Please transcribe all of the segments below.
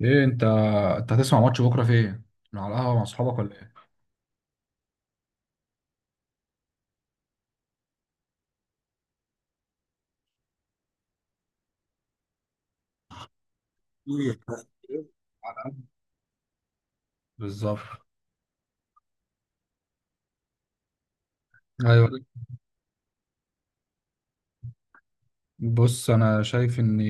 ايه انت هتسمع ماتش بكره فين؟ على القهوه مع اصحابك ولا ايه؟ على القهوة. بالظبط. ايوه. بص، انا شايف ان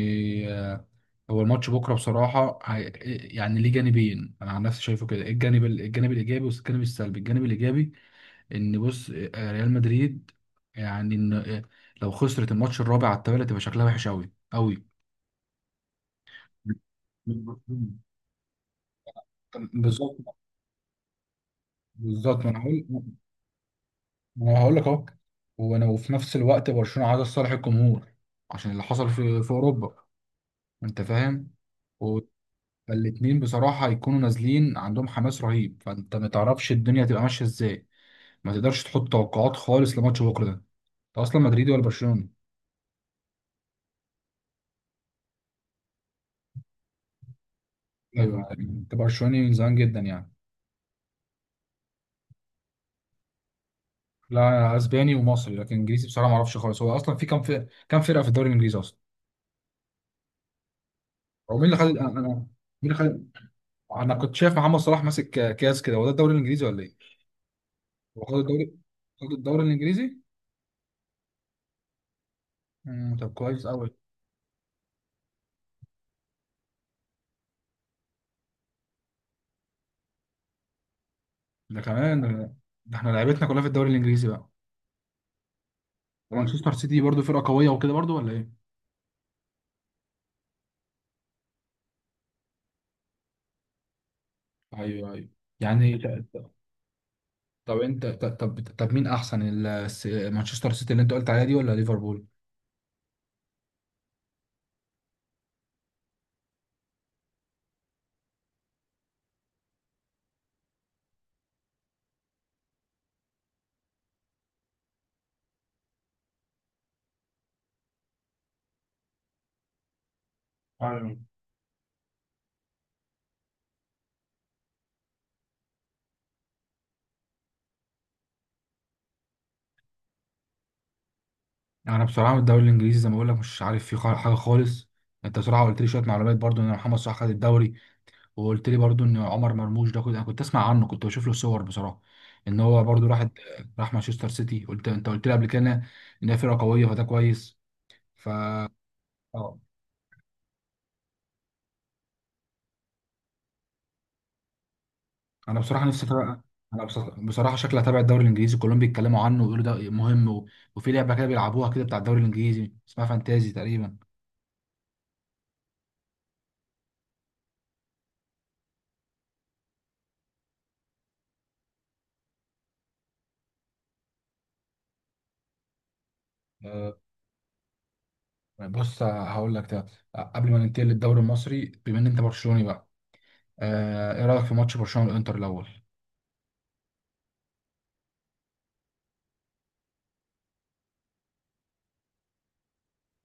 آه، هو الماتش بكره بصراحه يعني ليه جانبين. انا عن نفسي شايفه كده، الجانب الجانب الايجابي والجانب السلبي. الجانب الايجابي ان بص ريال مدريد، يعني ان لو خسرت الماتش الرابع على التوالي تبقى شكلها وحش قوي قوي. بالظبط. بالظبط، ما انا هقول لك اهو. وانا، وفي نفس الوقت، برشلونه عايزه لصالح الجمهور عشان اللي حصل في اوروبا، انت فاهم؟ و- فالاتنين بصراحه هيكونوا نازلين عندهم حماس رهيب، فانت ما تعرفش الدنيا هتبقى ماشيه ازاي. ما تقدرش تحط توقعات خالص لماتش بكره. ده انت اصلا مدريدي ولا برشلوني؟ ايوه، انت برشلوني من زمان جدا يعني. لا، اسباني ومصري، لكن انجليزي بصراحه ما اعرفش خالص. هو اصلا في كام فرقه في الدوري الانجليزي اصلا؟ هو مين اللي خد؟ مين اللي خد؟ انا كنت شايف محمد صلاح ماسك كاس كده، هو ده الدوري الانجليزي ولا ايه؟ هو خد الدوري. خد الدوري الانجليزي. طب كويس قوي. ده كمان. ده احنا لعبتنا كلها في الدوري الانجليزي بقى. مم. ومانشستر سيتي برضو فرقه قويه وكده برضو، ولا ايه؟ ايوه، ايوه. يعني ط- طب انت طب مين احسن مانشستر سيتي اللي انت قلت عليها دي ولا ليفربول؟ ايوه. انا بصراحه الدوري الانجليزي زي ما بقول لك مش عارف فيه حاجه خالص. انت بصراحه قلت لي شويه معلومات برضو ان محمد صلاح خد الدوري، وقلت لي برضو ان عمر مرموش ده كنت اسمع عنه، كنت بشوف له صور بصراحه، ان هو برضو راح مانشستر سيتي. انت قلت لي قبل كده ان هي فرقه قويه، فده كويس. ف اه، انا بصراحه نفسي أتابع. انا بصراحه شكلي هتابع الدوري الانجليزي، كلهم بيتكلموا عنه ويقولوا ده مهم. و... وفي لعبه كده بيلعبوها كده بتاع الدوري الانجليزي اسمها فانتازي تقريبا. آه، بص هقول لك ده، قبل ما ننتقل للدوري المصري، بما ان انت برشلوني بقى، ايه رايك في ماتش برشلونه والانتر الاول؟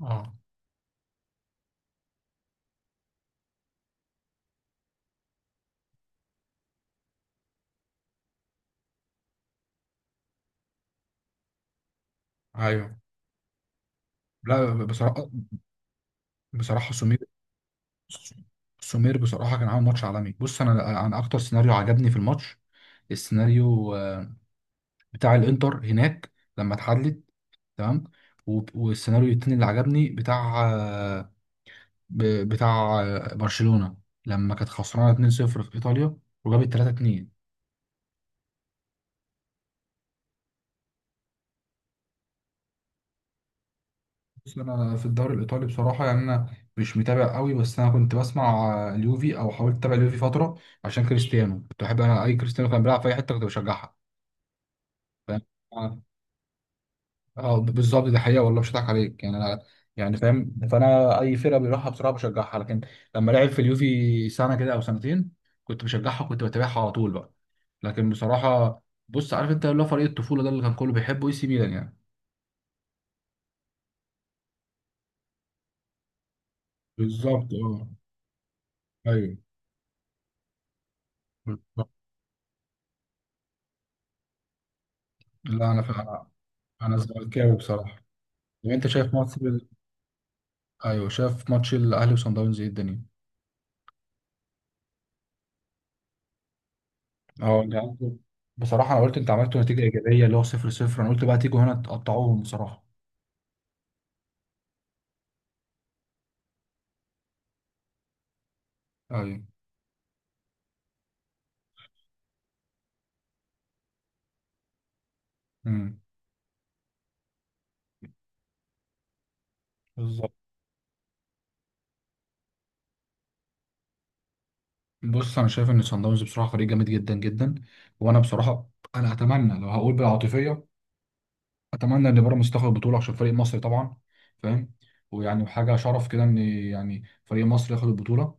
اه. ايوه. لا، بصراحه. بصراحة سمير. بصراحة كان عامل ماتش عالمي. بص، أنا أكتر سيناريو عجبني في الماتش، السيناريو بتاع الإنتر هناك لما اتحدد، تمام. والسيناريو التاني اللي عجبني بتاع برشلونة لما كانت خسرانة 2-0 في إيطاليا وجابت 3-2. بص، أنا في الدوري الإيطالي بصراحة يعني أنا مش متابع قوي، بس أنا كنت بسمع اليوفي، أو حاولت أتابع اليوفي فترة عشان كريستيانو. كنت بحب أنا أي كريستيانو، كان بيلعب في أي حتة كنت بشجعها. فاهم؟ اه، بالظبط، دي حقيقه والله، مش هضحك عليك، يعني انا يعني فاهم. فانا اي فرقه بيروحها بصراحه بشجعها، لكن لما لعب في اليوفي سنه كده او سنتين كنت بشجعها، كنت بتابعها على طول بقى. لكن بصراحه، بص عارف انت اللي هو فريق الطفوله ده اللي كان كله بيحبه، اي سي ميلان يعني. بالظبط، اه. ايوه. بالظبط. لا، انا فعلا انا زملكاوي بصراحه. طب انت شايف ماتش ال... ايوه، شايف ماتش الاهلي وصن داونز، ايه الدنيا؟ اه، بصراحه انا قلت انت عملت نتيجه ايجابيه اللي هو 0 0، انا قلت بقى تيجوا هنا تقطعوهم بصراحه. ايوه. مم. بالظبط. بص، انا شايف ان صن داونز بصراحه فريق جامد جدا جدا. وانا بصراحه، انا اتمنى لو هقول بالعاطفيه، اتمنى ان بيراميدز تاخد البطوله عشان فريق مصري طبعا، فاهم؟ ويعني حاجه شرف كده ان يعني فريق مصر ياخد البطوله.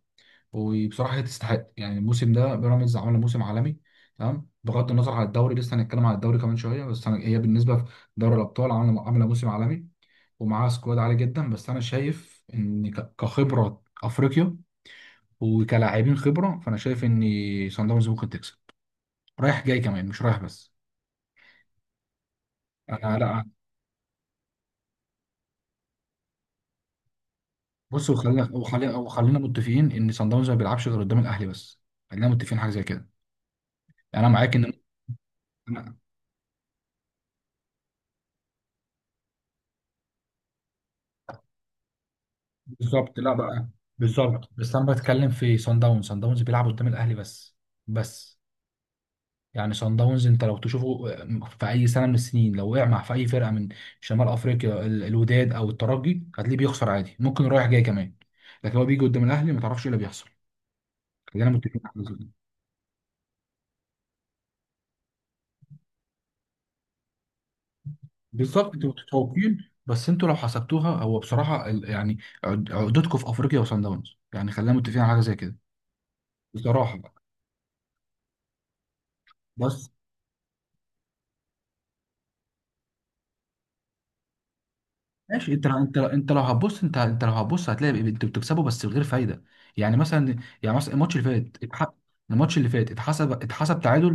وبصراحه هي تستحق، يعني الموسم ده بيراميدز عمل موسم عالمي. تمام، بغض النظر عن الدوري، لسه هنتكلم عن الدوري كمان شويه، بس انا هي بالنسبه في دوري الابطال عامله موسم عالمي، ومعاها سكواد عالي جدا. بس انا شايف ان كخبره افريقيا وكلاعبين خبره، فانا شايف ان صن داونز ممكن تكسب رايح جاي كمان، مش رايح بس. انا لا. بص، وخلينا متفقين ان صن داونز ما بيلعبش غير قدام الاهلي بس. خلينا متفقين حاجه زي كده. يعني انا معاك ان. أنا. بالظبط، لا بقى. بالظبط، بس انا بتكلم في صن داونز. صن داونز بيلعب قدام الاهلي بس. بس. يعني صن داونز انت لو تشوفه في اي سنه من السنين، لو وقع مع في اي فرقه من شمال افريقيا، الوداد او الترجي، هتلاقيه بيخسر عادي، ممكن رايح جاي كمان. لكن هو بيجي قدام الاهلي ما تعرفش ايه اللي بيحصل. خلينا متفقين على الجزء ده. بالظبط، انتوا متفوقين، بس انتوا لو حسبتوها هو بصراحه يعني عقدتكم في افريقيا وصن داونز، يعني خلينا متفقين على حاجه زي كده. بصراحه بقى. بس. ماشي، انت انت انت لو هتبص انت انت لو هتبص هتلاقي انتوا بتكسبوا بس بغير فايده. يعني مثلا، الماتش اللي فات الماتش اللي فات اتحسب تعادل.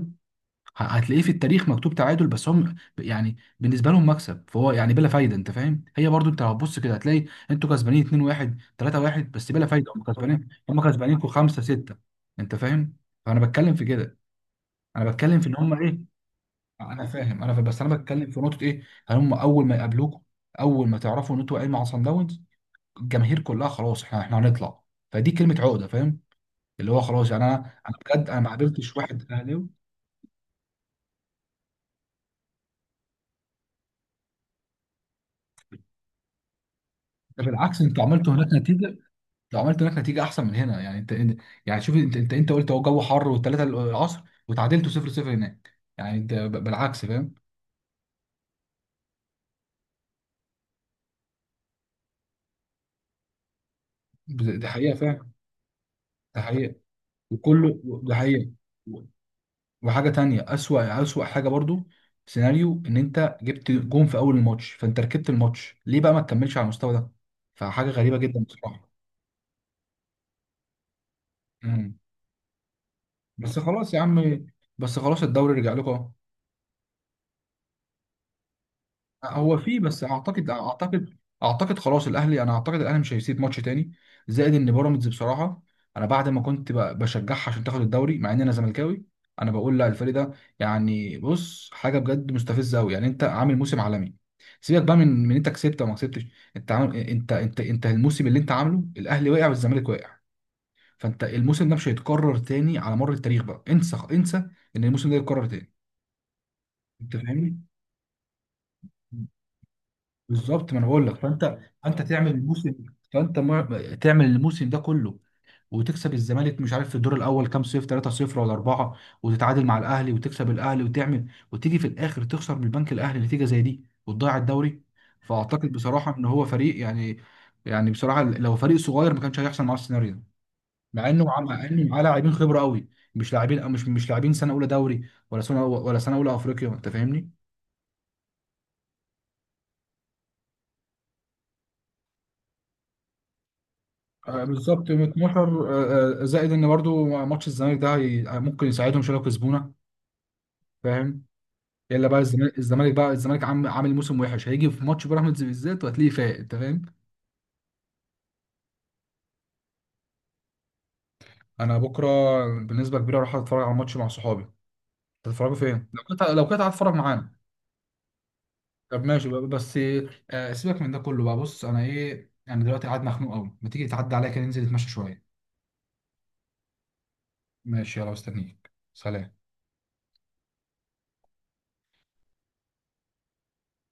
هتلاقيه في التاريخ مكتوب تعادل، بس هم يعني بالنسبه لهم مكسب، فهو يعني بلا فايده، انت فاهم؟ هي برضو انت هتبص كده هتلاقي انتوا كسبانين 2 1 3 1 بس بلا فايده، هم كسبانين، هم كسبانينكم 5 6. انت فاهم؟ فانا بتكلم في كده. انا بتكلم في ان هم ايه. انا فاهم، انا فاهم. بس انا بتكلم في نقطه، ايه؟ هل هم اول ما يقابلوكوا، اول ما تعرفوا ان انتوا واقعين مع صن داونز، الجماهير كلها خلاص، احنا هنطلع، فدي كلمه عقده، فاهم؟ اللي هو خلاص يعني انا. انا بجد انا ما قابلتش واحد اهلاوي. ده بالعكس، انتوا عملتوا هناك نتيجه. لو عملت هناك نتيجه احسن من هنا، يعني يعني شوف، انت قلت هو جو حر والثلاثه العصر، وتعادلتوا 0 0 هناك. يعني انت بالعكس، فاهم؟ دي حقيقه فعلا. ده حقيقه. وكله ده حقيقه. و- وحاجه تانية، اسوأ حاجه برضو، سيناريو ان انت جبت جون في اول الماتش، فانت ركبت الماتش ليه بقى، ما تكملش على المستوى ده؟ فحاجه غريبه جدا بصراحه. مم. بس خلاص يا عم. بس خلاص الدوري رجع لكم اهو. هو فيه، بس اعتقد خلاص الاهلي، انا اعتقد الاهلي مش هيسيب ماتش تاني. زائد ان بيراميدز بصراحه انا بعد ما كنت بشجعها عشان تاخد الدوري مع ان انا زملكاوي، انا بقول لا، الفريق ده، يعني بص، حاجه بجد مستفزه قوي يعني. انت عامل موسم عالمي، سيبك بقى من انت كسبت او ما كسبتش. انت الموسم اللي انت عامله، الاهلي وقع والزمالك وقع، فانت الموسم ده مش هيتكرر تاني على مر التاريخ بقى، انسى انسى ان الموسم ده يتكرر تاني. انت فاهمني؟ بالظبط، ما انا بقول لك، فانت انت تعمل الموسم، فانت تعمل الموسم ده كله، وتكسب الزمالك، مش عارف في الدور الاول كام، صفر 3، صفر ولا 4، وتتعادل مع الاهلي وتكسب الاهلي وتعمل، وتيجي في الاخر تخسر من البنك الاهلي نتيجه زي دي وتضيع الدوري. فاعتقد بصراحه ان هو فريق يعني، يعني بصراحه لو فريق صغير ما كانش هيحصل معاه السيناريو ده، مع انه معاه لاعبين خبره قوي، مش لاعبين، مش مش لاعبين سنه اولى دوري، ولا سنه اولى افريقيا. انت فاهمني؟ بالظبط، متنحر. زائد ان برضو ماتش الزمالك ده ممكن يساعدهم شويه لو كسبونا، فاهم؟ الا بقى الزمالك عامل موسم وحش، هيجي في ماتش بيراميدز بالذات وهتلاقيه فايق، انت فاهم؟ انا بكره، بالنسبه كبيره اروح اتفرج على ماتش مع صحابي. هتتفرجوا فين، لو كنت هتفرج معانا؟ طب ماشي بقى بس، سيبك من ده كله بقى. بص انا ايه، انا دلوقتي قاعد مخنوق قوي، ما تيجي تعدي عليا كده ننزل نتمشى شويه؟ ماشي، يلا، مستنيك، سلام.